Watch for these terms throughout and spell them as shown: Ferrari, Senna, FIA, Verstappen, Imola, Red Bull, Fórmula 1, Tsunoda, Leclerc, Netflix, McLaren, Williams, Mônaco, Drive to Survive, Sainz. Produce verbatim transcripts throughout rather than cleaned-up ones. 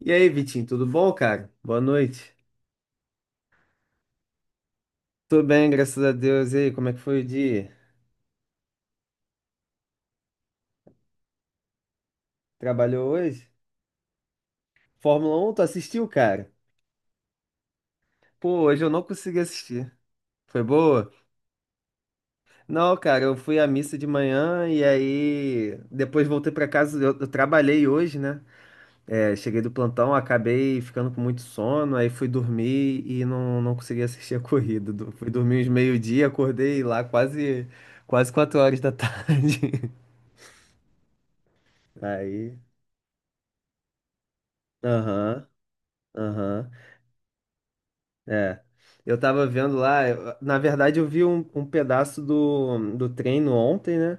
E aí, Vitinho, tudo bom, cara? Boa noite. Tudo bem, graças a Deus. E aí, como é que foi o dia? Trabalhou hoje? Fórmula um, tu assistiu, cara? Pô, hoje eu não consegui assistir. Foi boa? Não, cara, eu fui à missa de manhã e aí depois voltei pra casa. Eu, eu trabalhei hoje, né? É, cheguei do plantão, acabei ficando com muito sono, aí fui dormir e não, não consegui assistir a corrida. Du- Fui dormir uns meio-dia, acordei lá quase, quase quatro horas da tarde. Aí. Aham. Aham, é. Eu tava vendo lá, eu- na verdade eu vi um, um pedaço do, do treino ontem, né?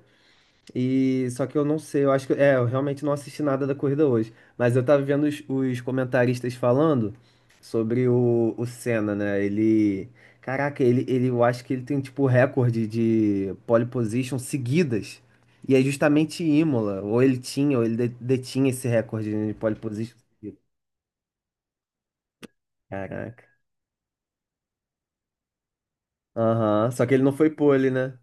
E só que eu não sei, eu acho que, é, eu realmente não assisti nada da corrida hoje, mas eu tava vendo os, os comentaristas falando sobre o, o Senna, né? Ele, caraca, ele, ele, eu acho que ele tem tipo recorde de pole position seguidas. E é justamente Imola, ou ele tinha, ou ele de- detinha esse recorde, né, de pole position seguidas. Caraca. Aham. Só que ele não foi pole, né?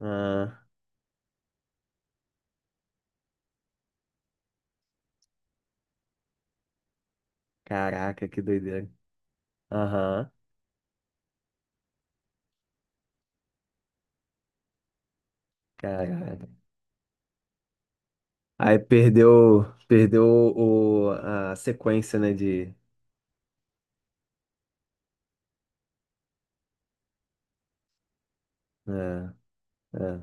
Ah, caraca, que doideira. Aham, caraca. Aí perdeu, perdeu o, a sequência, né, de... É, é.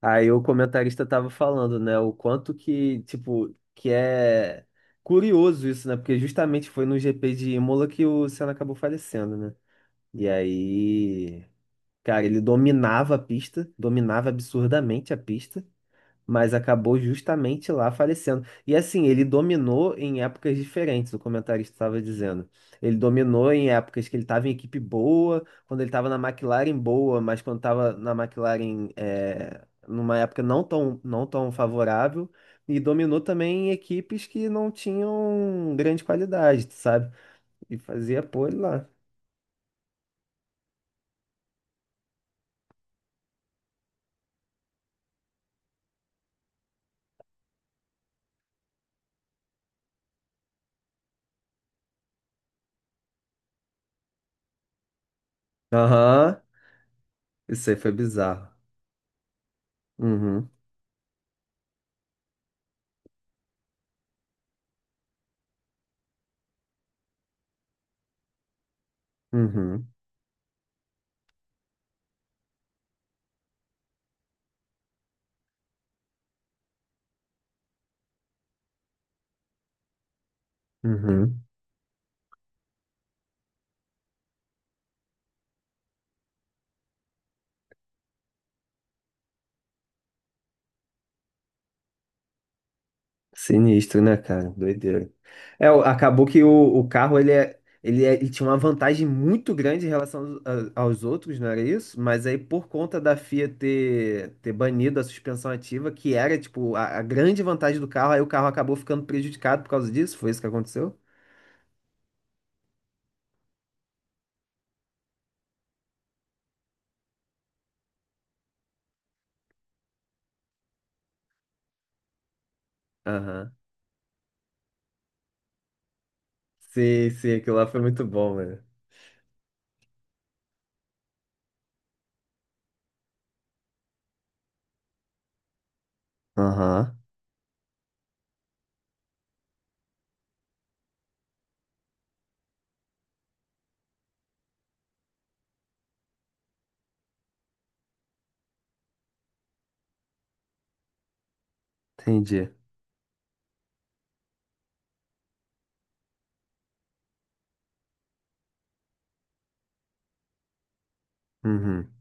Aí o comentarista tava falando, né, o quanto que, tipo, que é curioso isso, né, porque justamente foi no G P de Imola que o Senna acabou falecendo, né. E aí, cara, ele dominava a pista, dominava absurdamente a pista, mas acabou justamente lá falecendo. E assim, ele dominou em épocas diferentes, o comentarista estava dizendo. Ele dominou em épocas que ele estava em equipe boa, quando ele estava na McLaren boa, mas quando estava na McLaren é, numa época não tão, não tão favorável. E dominou também em equipes que não tinham grande qualidade, sabe? E fazia pole lá. Aham. Isso aí foi bizarro. Uhum, uhum, uhum. Sinistro, né, cara? Doideira. É, o- acabou que o, o carro ele, é, ele, é- ele tinha uma vantagem muito grande em relação aos, a- aos outros, não era isso? Mas aí, por conta da FIA ter, ter banido a suspensão ativa, que era, tipo, a, a grande vantagem do carro, aí o carro acabou ficando prejudicado por causa disso? Foi isso que aconteceu? Aham. Sim, sim, aquilo lá foi muito bom, mano. Aham, entendi. Uhum,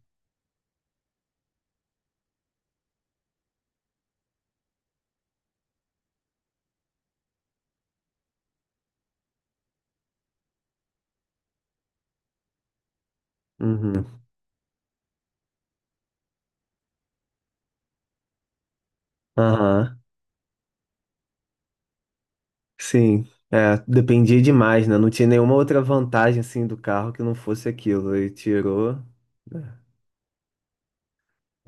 uhum, aham. Sim, é, dependia demais, né? Não tinha nenhuma outra vantagem assim do carro que não fosse aquilo. E tirou. Né?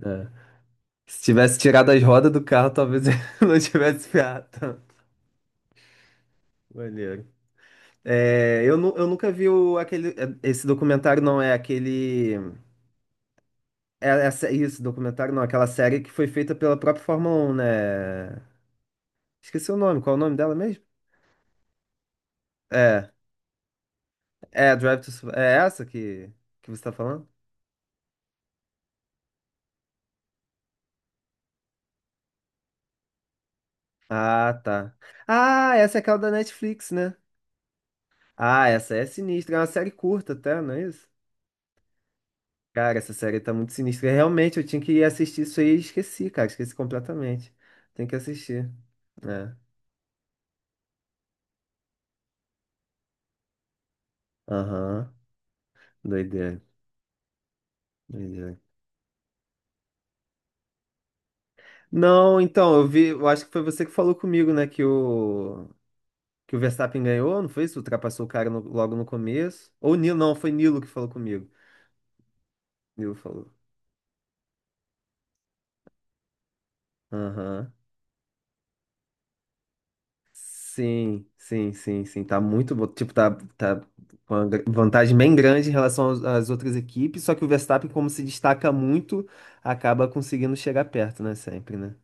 É. Se tivesse tirado as rodas do carro, talvez eu não tivesse ferrado tanto. Maneiro. É, eu, nu- eu nunca vi o, aquele. É, esse documentário não é aquele. É, essa, isso, documentário não, aquela série que foi feita pela própria Fórmula um, né? Esqueci o nome, qual é o nome dela mesmo? É, é Drive to Survive. É essa que, que você tá falando? Ah, tá. Ah, essa é aquela da Netflix, né? Ah, essa é sinistra. É uma série curta até, não é isso? Cara, essa série tá muito sinistra. É, realmente, eu tinha que assistir isso aí e esqueci, cara. Esqueci completamente. Tem que assistir. É. Aham. Doideira. Doideira. Não, então, eu vi. Eu acho que foi você que falou comigo, né? Que o. Que o Verstappen ganhou, não foi isso? Ultrapassou o cara no- logo no começo. Ou o Nilo, não, foi Nilo que falou comigo. Nilo falou. Aham. Sim, sim, sim, sim. Tá muito bom. Tipo, tá, tá com uma gra- vantagem bem grande em relação aos- às outras equipes. Só que o Verstappen, como se destaca muito, acaba conseguindo chegar perto, né? Sempre, né?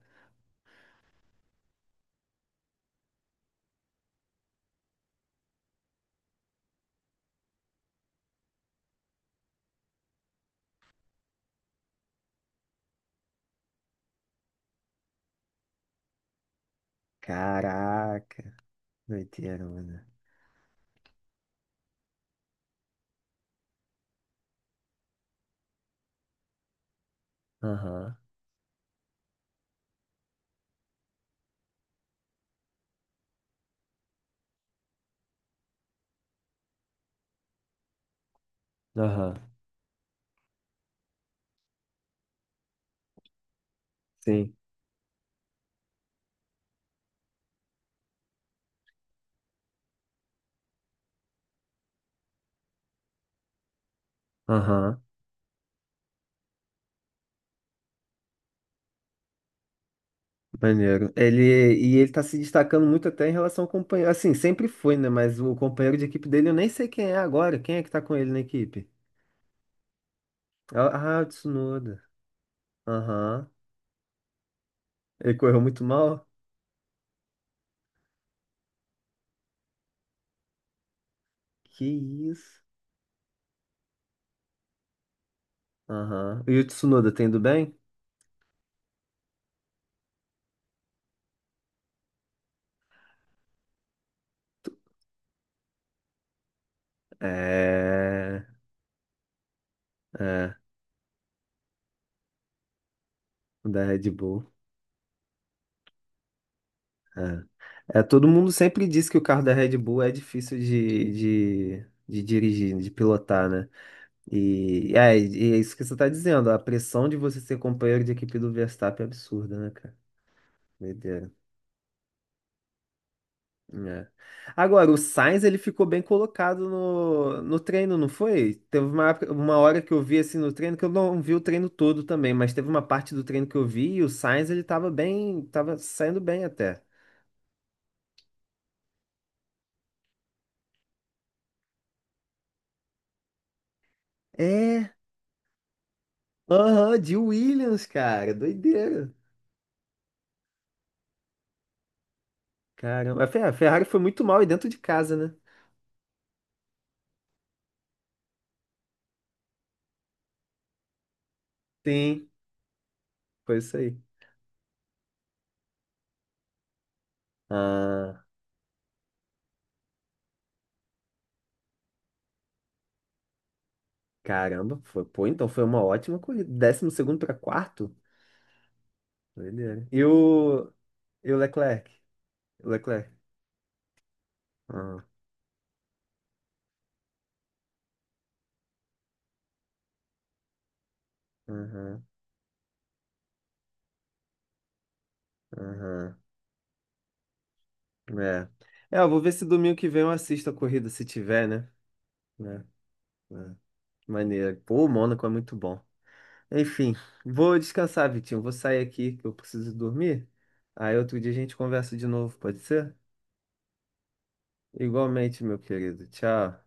Caraca, doideira, mano. Aham, aham. Sim, aham. Maneiro. Ele, e ele tá se destacando muito até em relação ao companheiro. Assim, sempre foi, né? Mas o companheiro de equipe dele, eu nem sei quem é agora. Quem é que tá com ele na equipe? Ah, ah, o Tsunoda. Aham. Ele correu muito mal? Que isso? Aham. E o Tsunoda tá indo bem? É. É. O da Red Bull. É. É, todo mundo sempre diz que o carro da Red Bull é difícil de, de, de dirigir, de pilotar, né? E é, e é isso que você tá dizendo. A pressão de você ser companheiro de equipe do Verstappen é absurda, né, cara? Doideira. É. Agora, o Sainz ele ficou bem colocado no, no treino, não foi? Teve uma, época- uma hora que eu vi assim no treino, que eu não vi o treino todo também, mas teve uma parte do treino que eu vi e o Sainz ele tava bem, tava saindo bem até. É, aham, de Williams, cara, doideira. Caramba, a Fer- a Ferrari foi muito mal e dentro de casa, né? Sim, foi isso aí. Ah, caramba, foi, pô, então foi uma ótima corrida. Décimo segundo para quarto, doideira. E o, e o Leclerc? O Leclerc. Ah. Uhum, uhum. É. É, eu vou ver se domingo que vem eu assisto a corrida, se tiver, né? É, é. Maneiro. Pô, o Mônaco é muito bom. Enfim, vou descansar, Vitinho. Vou sair aqui que eu preciso dormir. Aí outro dia a gente conversa de novo, pode ser? Igualmente, meu querido. Tchau.